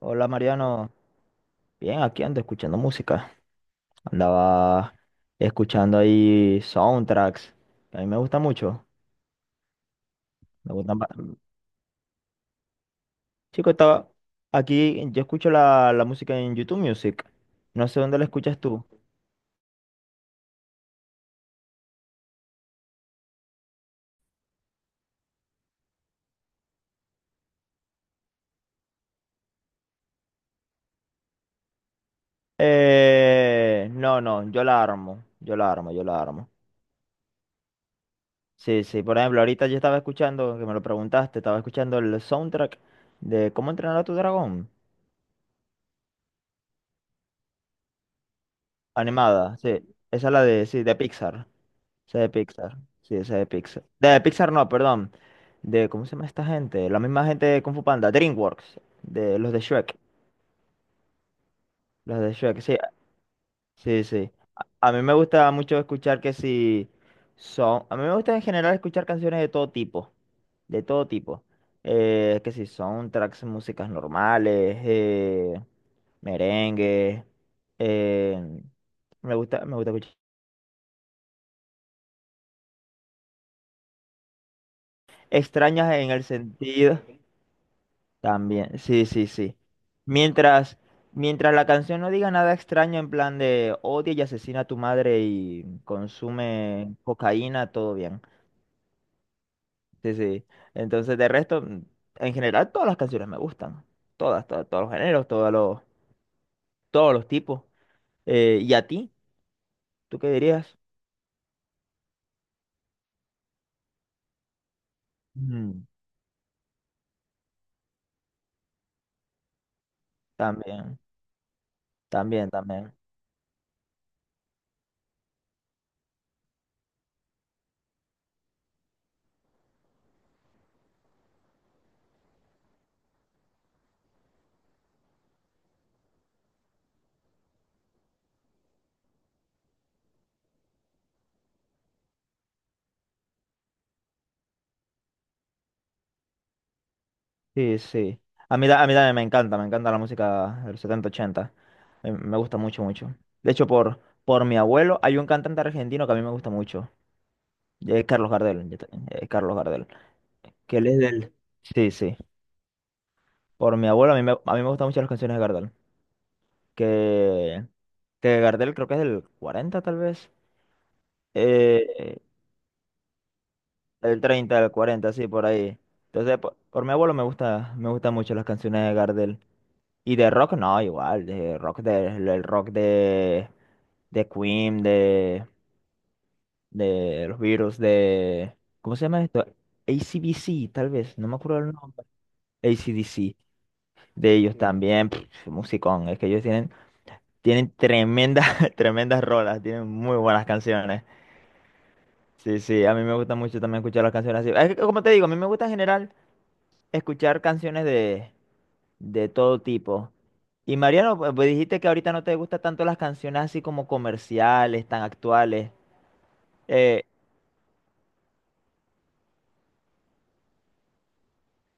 Hola Mariano, bien, aquí ando escuchando música. Andaba escuchando ahí soundtracks, que a mí me gusta mucho. Me gustan ba- Chico, estaba aquí, yo escucho la música en YouTube Music. No sé dónde la escuchas tú. No, no, yo la armo, yo la armo, yo la armo. Sí, sí, por ejemplo, ahorita yo estaba escuchando, que me lo preguntaste, estaba escuchando el soundtrack de ¿Cómo entrenar a tu dragón? Animada, sí. Esa es la de, sí, de Pixar. Esa de Pixar. Sí, esa de Pixar. De Pixar no, perdón. De, ¿cómo se llama esta gente? La misma gente de Kung Fu Panda, DreamWorks, de los de Shrek. Los de Shrek, sí, sí, sí. A mí me gusta mucho escuchar que si son. A mí me gusta en general escuchar canciones de todo tipo. De todo tipo. Que si son tracks, músicas normales, merengue. eh, me gusta, escuchar. Extrañas en el sentido. También, sí, sí, sí. Mientras, mientras la canción no diga nada extraño en plan de odia y asesina a tu madre y consume cocaína, todo bien. Sí, sí. Entonces, de resto, en general, todas las canciones me gustan. Todas, todas, todos los géneros, todos los tipos. ¿Y a ti? ¿Tú qué dirías? Mm, También, también, también. Sí, sí. A mí, a mí también me encanta la música del setenta, ochenta. Me gusta mucho, mucho. De hecho, por mi abuelo hay un cantante argentino que a mí me gusta mucho. Es Carlos Gardel, yo también, Carlos Gardel. Que él es del... Sí, sí. Por mi abuelo a mí me gustan mucho las canciones de Gardel. Que, que Gardel creo que es del 40 tal vez. Eh, eh, Del 30, del 40, sí, por ahí. Entonces, por mi abuelo me gusta, me gustan mucho las canciones de Gardel. Y de rock no, igual, de rock de el rock de Queen, de los Virus, de... ¿Cómo se llama esto? ACDC, tal vez, no me acuerdo el nombre. ACDC, de ellos también, pff, musicón, es que ellos tienen tremendas, tremendas rolas, tienen muy buenas canciones. Sí, sí, a mí me gusta mucho también escuchar las canciones así. Es que, como te digo, a mí me gusta en general escuchar canciones de todo tipo. Y Mariano, pues dijiste que ahorita no te gustan tanto las canciones así como comerciales, tan actuales. Eh,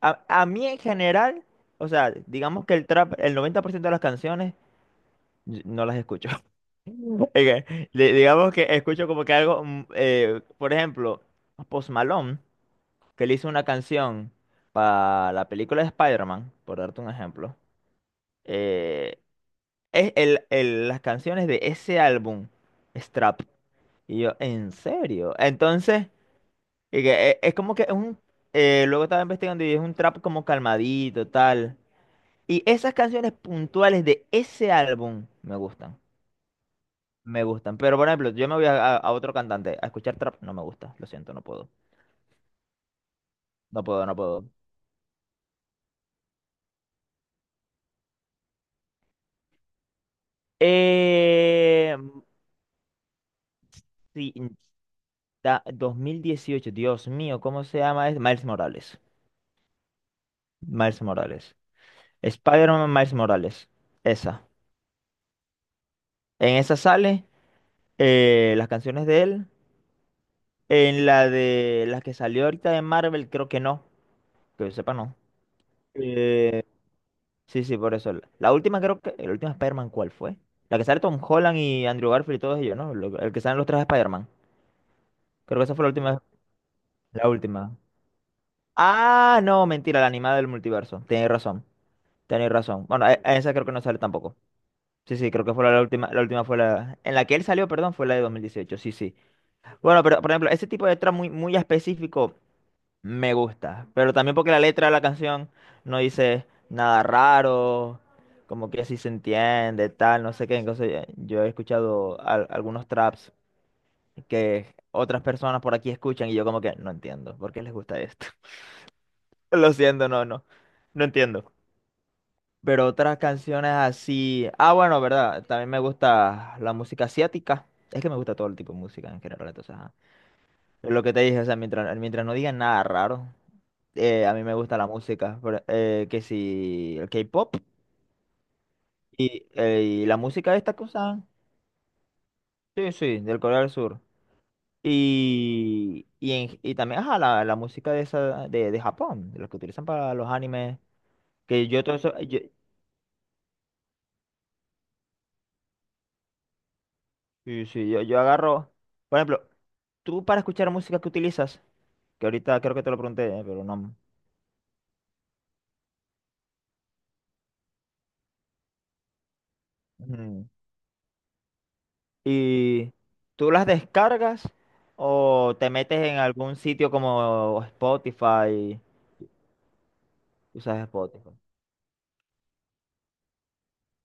a mí en general, o sea, digamos que el trap, el 90% de las canciones yo no las escucho. Oiga, digamos que escucho como que algo, por ejemplo, Post Malone, que le hizo una canción para la película de Spider-Man, por darte un ejemplo. eh, Es las canciones de ese álbum, Strap. Y yo, ¿en serio? Entonces, y que, es, como que es un... Luego estaba investigando y es un trap como calmadito, tal. Y esas canciones puntuales de ese álbum me gustan. Me gustan. Pero, por ejemplo, yo me voy a, a otro cantante a escuchar trap. No me gusta. Lo siento, no puedo. No puedo, no puedo. Eh, sí, 2018 Dios mío, ¿cómo se llama? Es Miles Morales. Miles Morales. Spider-Man Miles Morales. Esa. En esa sale las canciones de él. En la de las que salió ahorita de Marvel, creo que no. Que yo sepa, no. Eh, sí, sí, por eso. La última, creo que. La última Spider-Man, ¿cuál fue? La que sale Tom Holland y Andrew Garfield y todos ellos, ¿no? El que salen los tres de Spider-Man. Creo que esa fue la última. La última. Ah, no, mentira, la animada del multiverso. Tenéis razón. Tenéis razón. Bueno, a esa creo que no sale tampoco. Sí, sí, creo que fue la última. La última fue la. En la que él salió, perdón, fue la de 2018. Sí, sí. Bueno, pero por ejemplo, ese tipo de letra muy, muy específico me gusta, pero también porque la letra de la canción no dice nada raro, como que así se entiende, tal, no sé qué. Entonces yo he escuchado algunos traps que otras personas por aquí escuchan y yo como que no entiendo, ¿por qué les gusta esto? Lo siento, no, no, no entiendo. Pero otras canciones así, ah, bueno, verdad, también me gusta la música asiática. Es que me gusta todo el tipo de música en general, entonces, ajá. Es lo que te dije, o sea, mientras no digan nada raro, a mí me gusta la música, pero, que si el K-pop y la música esta que usan, sí, sí, del Corea del Sur. Y también, ajá, la música de, esa, de Japón, de los que utilizan para los animes, que yo todo eso, yo, sí, sí, yo agarro, por ejemplo, tú para escuchar música que utilizas, que ahorita creo que te lo pregunté, pero no. Ujú. Y tú las descargas o te metes en algún sitio como Spotify, usas Spotify.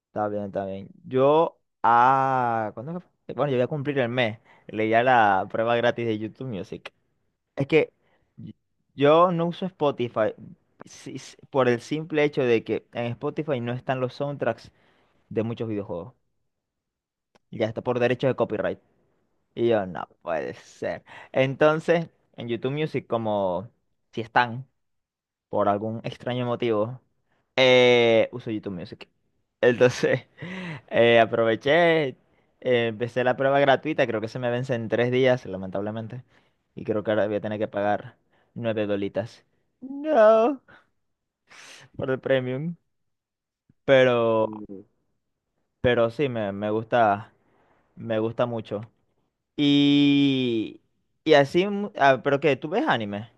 Está bien, está bien. Yo, ¿cuándo que fue? Bueno, yo voy a cumplir el mes. Leía la prueba gratis de YouTube Music. Es que y- yo no uso Spotify por el simple hecho de que en Spotify no están los soundtracks de muchos videojuegos. Ya está por derechos de copyright. Y yo, no puede ser. Entonces, en YouTube Music, como si están por algún extraño motivo, uso YouTube Music. Entonces, aproveché, empecé la prueba gratuita, creo que se me vence en 3 días, lamentablemente. Y creo que ahora voy a tener que pagar 9 dolitas. No, por el premium. Pero, pero sí, me gusta, me gusta, mucho. Y, y así, pero que, ¿tú ves anime?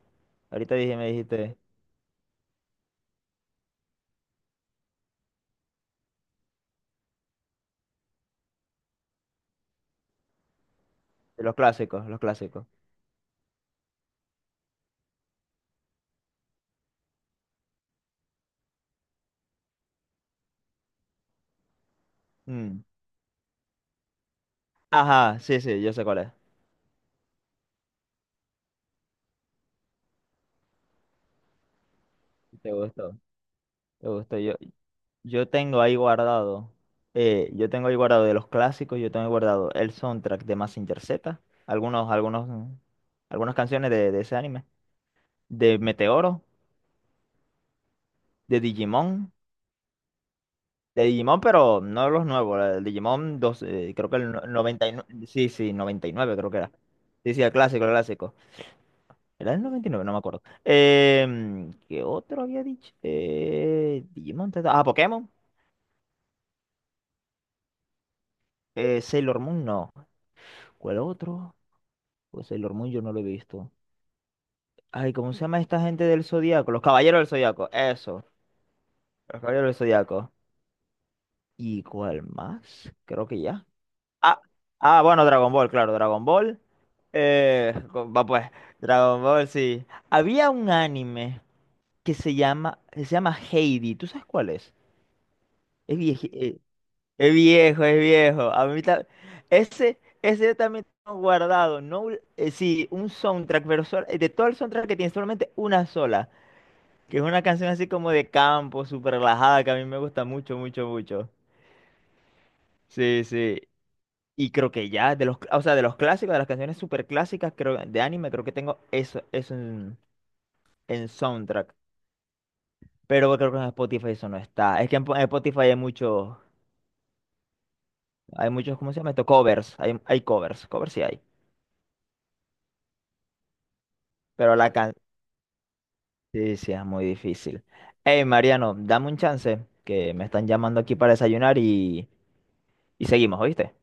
Ahorita dije, me dijiste, de los clásicos, los clásicos. Mm. Ajá, sí, sí, yo sé cuál es. Te gustó, te gustó. Yo tengo ahí guardado, yo tengo ahí guardado de los clásicos, yo tengo ahí guardado el soundtrack de Mazinger Z, algunos, algunos, algunas canciones de ese anime, de Meteoro, de Digimon, de Digimon, pero no los nuevos, el Digimon 2, creo que el 99 sí, sí, 99 creo que era. Sí, sí, el clásico, el clásico. Era el 99 no me acuerdo. ¿Qué otro había dicho? Digimon, Pokémon. Sailor Moon, no. ¿Cuál otro? Pues Sailor Moon yo no lo he visto. Ay, ¿cómo se llama esta gente del Zodíaco? Los Caballeros del Zodíaco, eso. Los Caballeros del Zodíaco. ¿Y cuál más? Creo que ya. Ah, ah, bueno, Dragon Ball, claro, Dragon Ball. Va pues, Dragon Ball, sí. Había un anime que se llama Heidi. ¿Tú sabes cuál es? Es viejo. Es viejo, es viejo. A mí ese yo también tengo guardado. No, sí, un soundtrack, pero de todo el soundtrack que tiene, solamente una sola. Que es una canción así como de campo, súper relajada, que a mí me gusta mucho, mucho, mucho. Sí, sí. Y creo que ya, de los, o sea, de los clásicos, de las canciones súper clásicas, creo, de anime, creo que tengo eso, eso en soundtrack. Pero creo que en Spotify eso no está. Es que en Spotify hay muchos, ¿cómo se llama esto? Covers. Hay covers. Covers sí hay. Pero la, can. Sí, sí, es muy difícil. Hey, Mariano, dame un chance, que me están llamando aquí para desayunar y seguimos, ¿oíste?